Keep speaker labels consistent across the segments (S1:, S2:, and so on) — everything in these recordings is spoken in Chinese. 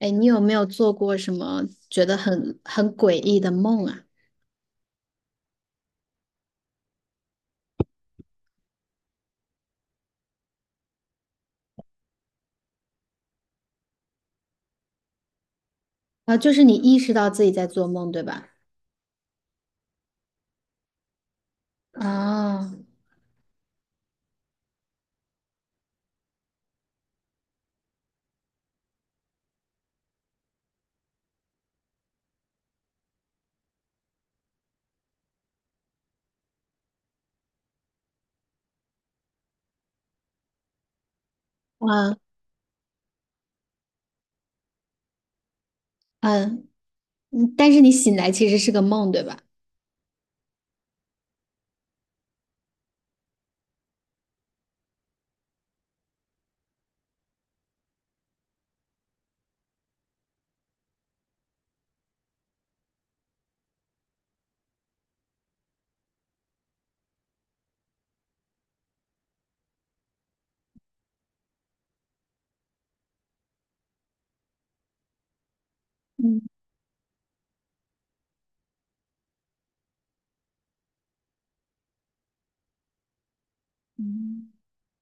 S1: 哎，你有没有做过什么觉得很诡异的梦啊？啊，就是你意识到自己在做梦，对吧？啊，啊嗯，但是你醒来其实是个梦，对吧？嗯嗯，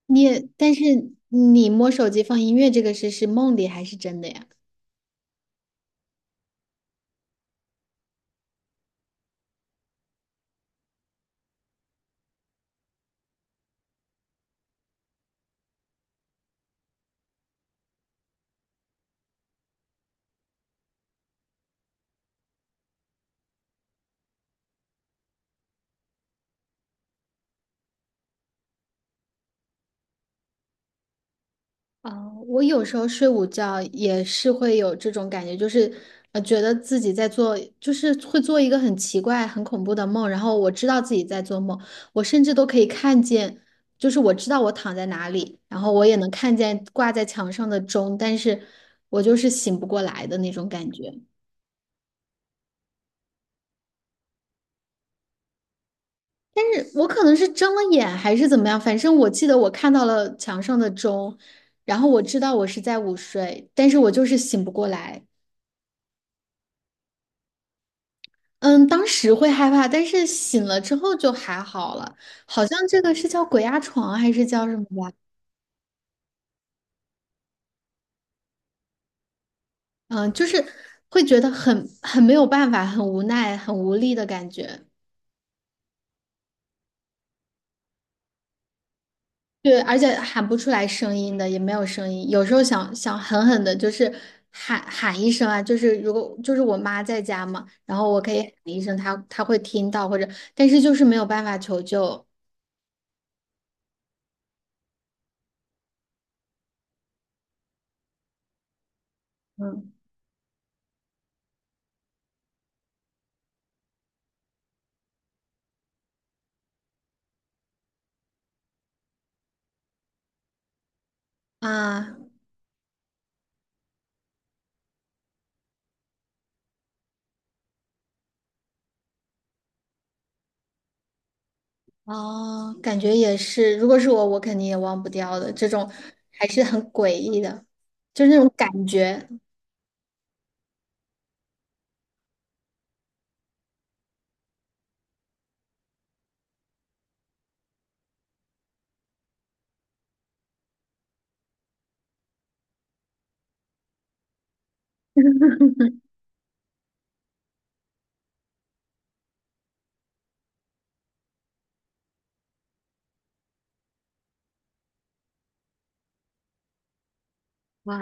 S1: 你也但是你摸手机放音乐这个事是梦里还是真的呀？啊，我有时候睡午觉也是会有这种感觉，就是觉得自己在做，就是会做一个很奇怪、很恐怖的梦，然后我知道自己在做梦，我甚至都可以看见，就是我知道我躺在哪里，然后我也能看见挂在墙上的钟，但是我就是醒不过来的那种感觉。但是我可能是睁了眼还是怎么样，反正我记得我看到了墙上的钟，然后我知道我是在午睡，但是我就是醒不过来。嗯，当时会害怕，但是醒了之后就还好了。好像这个是叫鬼压床还是叫什么吧？嗯，就是会觉得很没有办法，很无奈，很无力的感觉。对，而且喊不出来声音的，也没有声音。有时候想想狠狠的，就是喊一声啊，就是如果就是我妈在家嘛，然后我可以喊一声，她会听到，或者但是就是没有办法求救。嗯，啊，哦，感觉也是，如果是我，我肯定也忘不掉的。这种还是很诡异的，就是那种感觉。哇，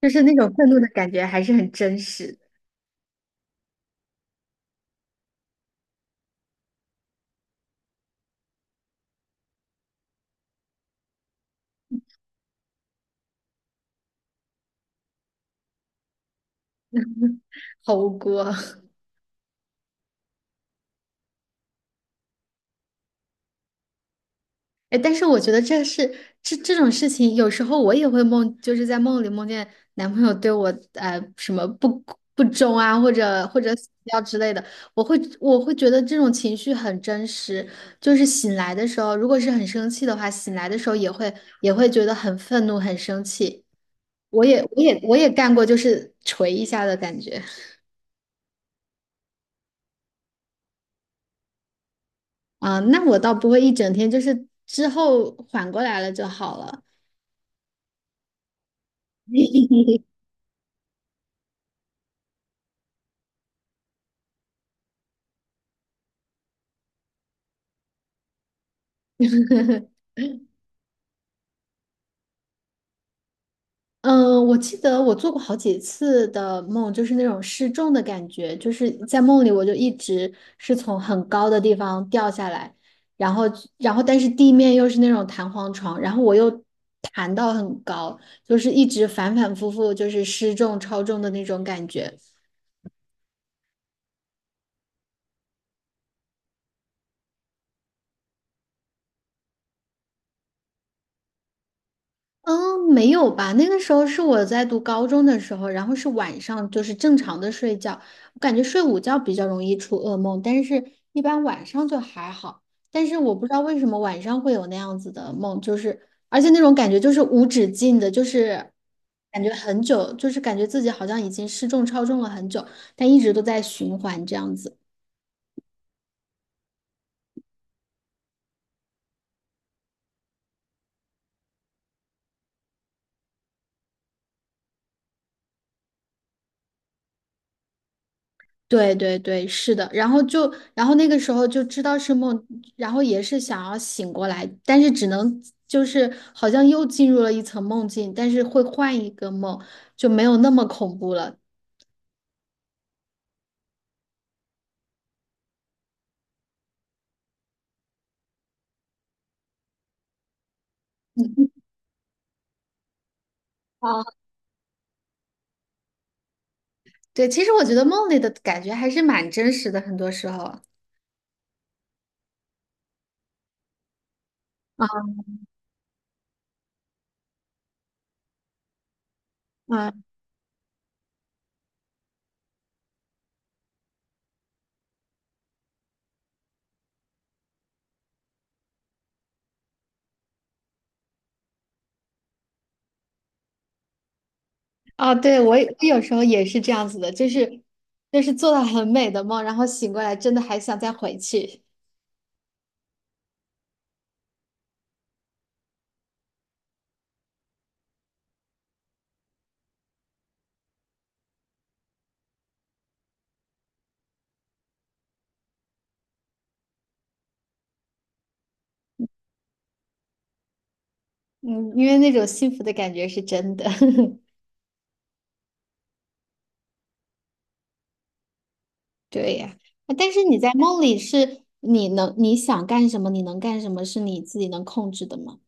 S1: 就是那种愤怒的感觉，还是很真实。好无辜啊。哎，但是我觉得这是这这种事情，有时候我也会梦，就是在梦里梦见男朋友对我什么不忠啊，或者死掉之类的，我会我会觉得这种情绪很真实。就是醒来的时候，如果是很生气的话，醒来的时候也会觉得很愤怒、很生气。我也干过，就是捶一下的感觉。啊，那我倒不会一整天，就是之后缓过来了就好了。嗯，我记得我做过好几次的梦，就是那种失重的感觉，就是在梦里我就一直是从很高的地方掉下来，然后但是地面又是那种弹簧床，然后我又弹到很高，就是一直反反复复就是失重超重的那种感觉。嗯，没有吧？那个时候是我在读高中的时候，然后是晚上，就是正常的睡觉。我感觉睡午觉比较容易出噩梦，但是一般晚上就还好。但是我不知道为什么晚上会有那样子的梦，就是而且那种感觉就是无止境的，就是感觉很久，就是感觉自己好像已经失重超重了很久，但一直都在循环这样子。对对对，是的，然后就，然后那个时候就知道是梦，然后也是想要醒过来，但是只能就是好像又进入了一层梦境，但是会换一个梦，就没有那么恐怖了。嗯，啊，对，其实我觉得梦里的感觉还是蛮真实的，很多时候。啊啊啊！对，我有时候也是这样子的，就是做到很美的梦，然后醒过来真的还想再回去。嗯，因为那种幸福的感觉是真的。对呀，啊但是你在梦里是你想干什么，你能干什么是你自己能控制的吗？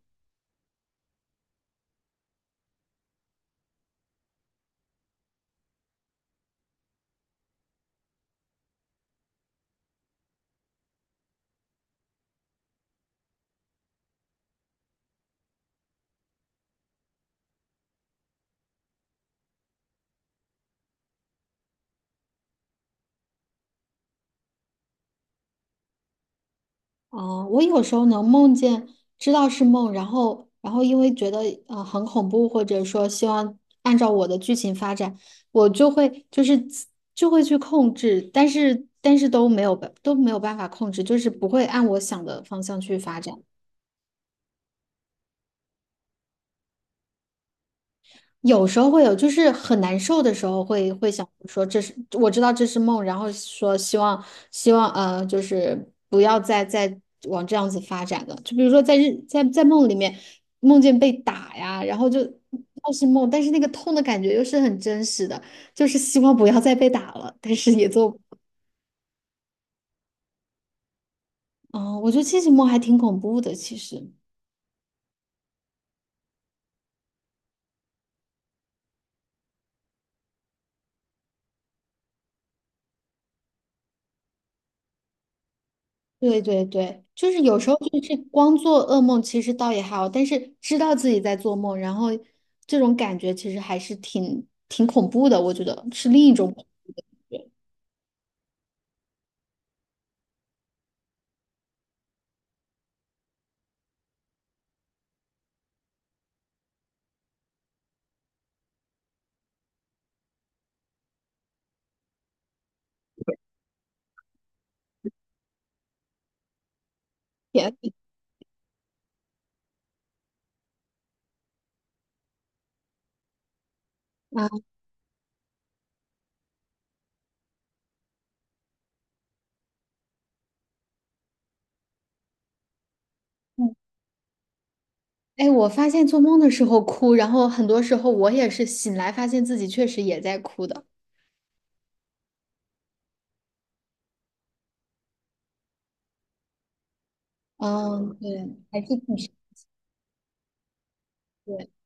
S1: 哦，我有时候能梦见知道是梦，然后因为觉得很恐怖，或者说希望按照我的剧情发展，我就会去控制，但是都没有办法控制，就是不会按我想的方向去发展。有时候会有，就是很难受的时候会想说这是我知道这是梦，然后说希望就是不要再往这样子发展了。就比如说在日在在梦里面梦见被打呀，然后就倒是梦，但是那个痛的感觉又是很真实的，就是希望不要再被打了，但是也做不嗯，我觉得清醒梦还挺恐怖的，其实。对对对，就是有时候就是光做噩梦，其实倒也还好，但是知道自己在做梦，然后这种感觉其实还是挺恐怖的，我觉得是另一种恐怖的感觉。天啊，嗯哎，我发现做梦的时候哭，然后很多时候我也是醒来发现自己确实也在哭的。嗯，对，还是挺对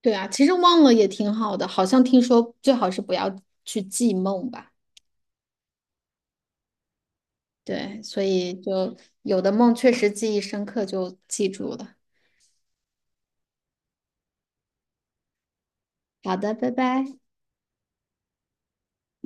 S1: 对啊，其实忘了也挺好的，好像听说最好是不要去记梦吧。对，所以就有的梦确实记忆深刻，就记住了。好的，拜拜。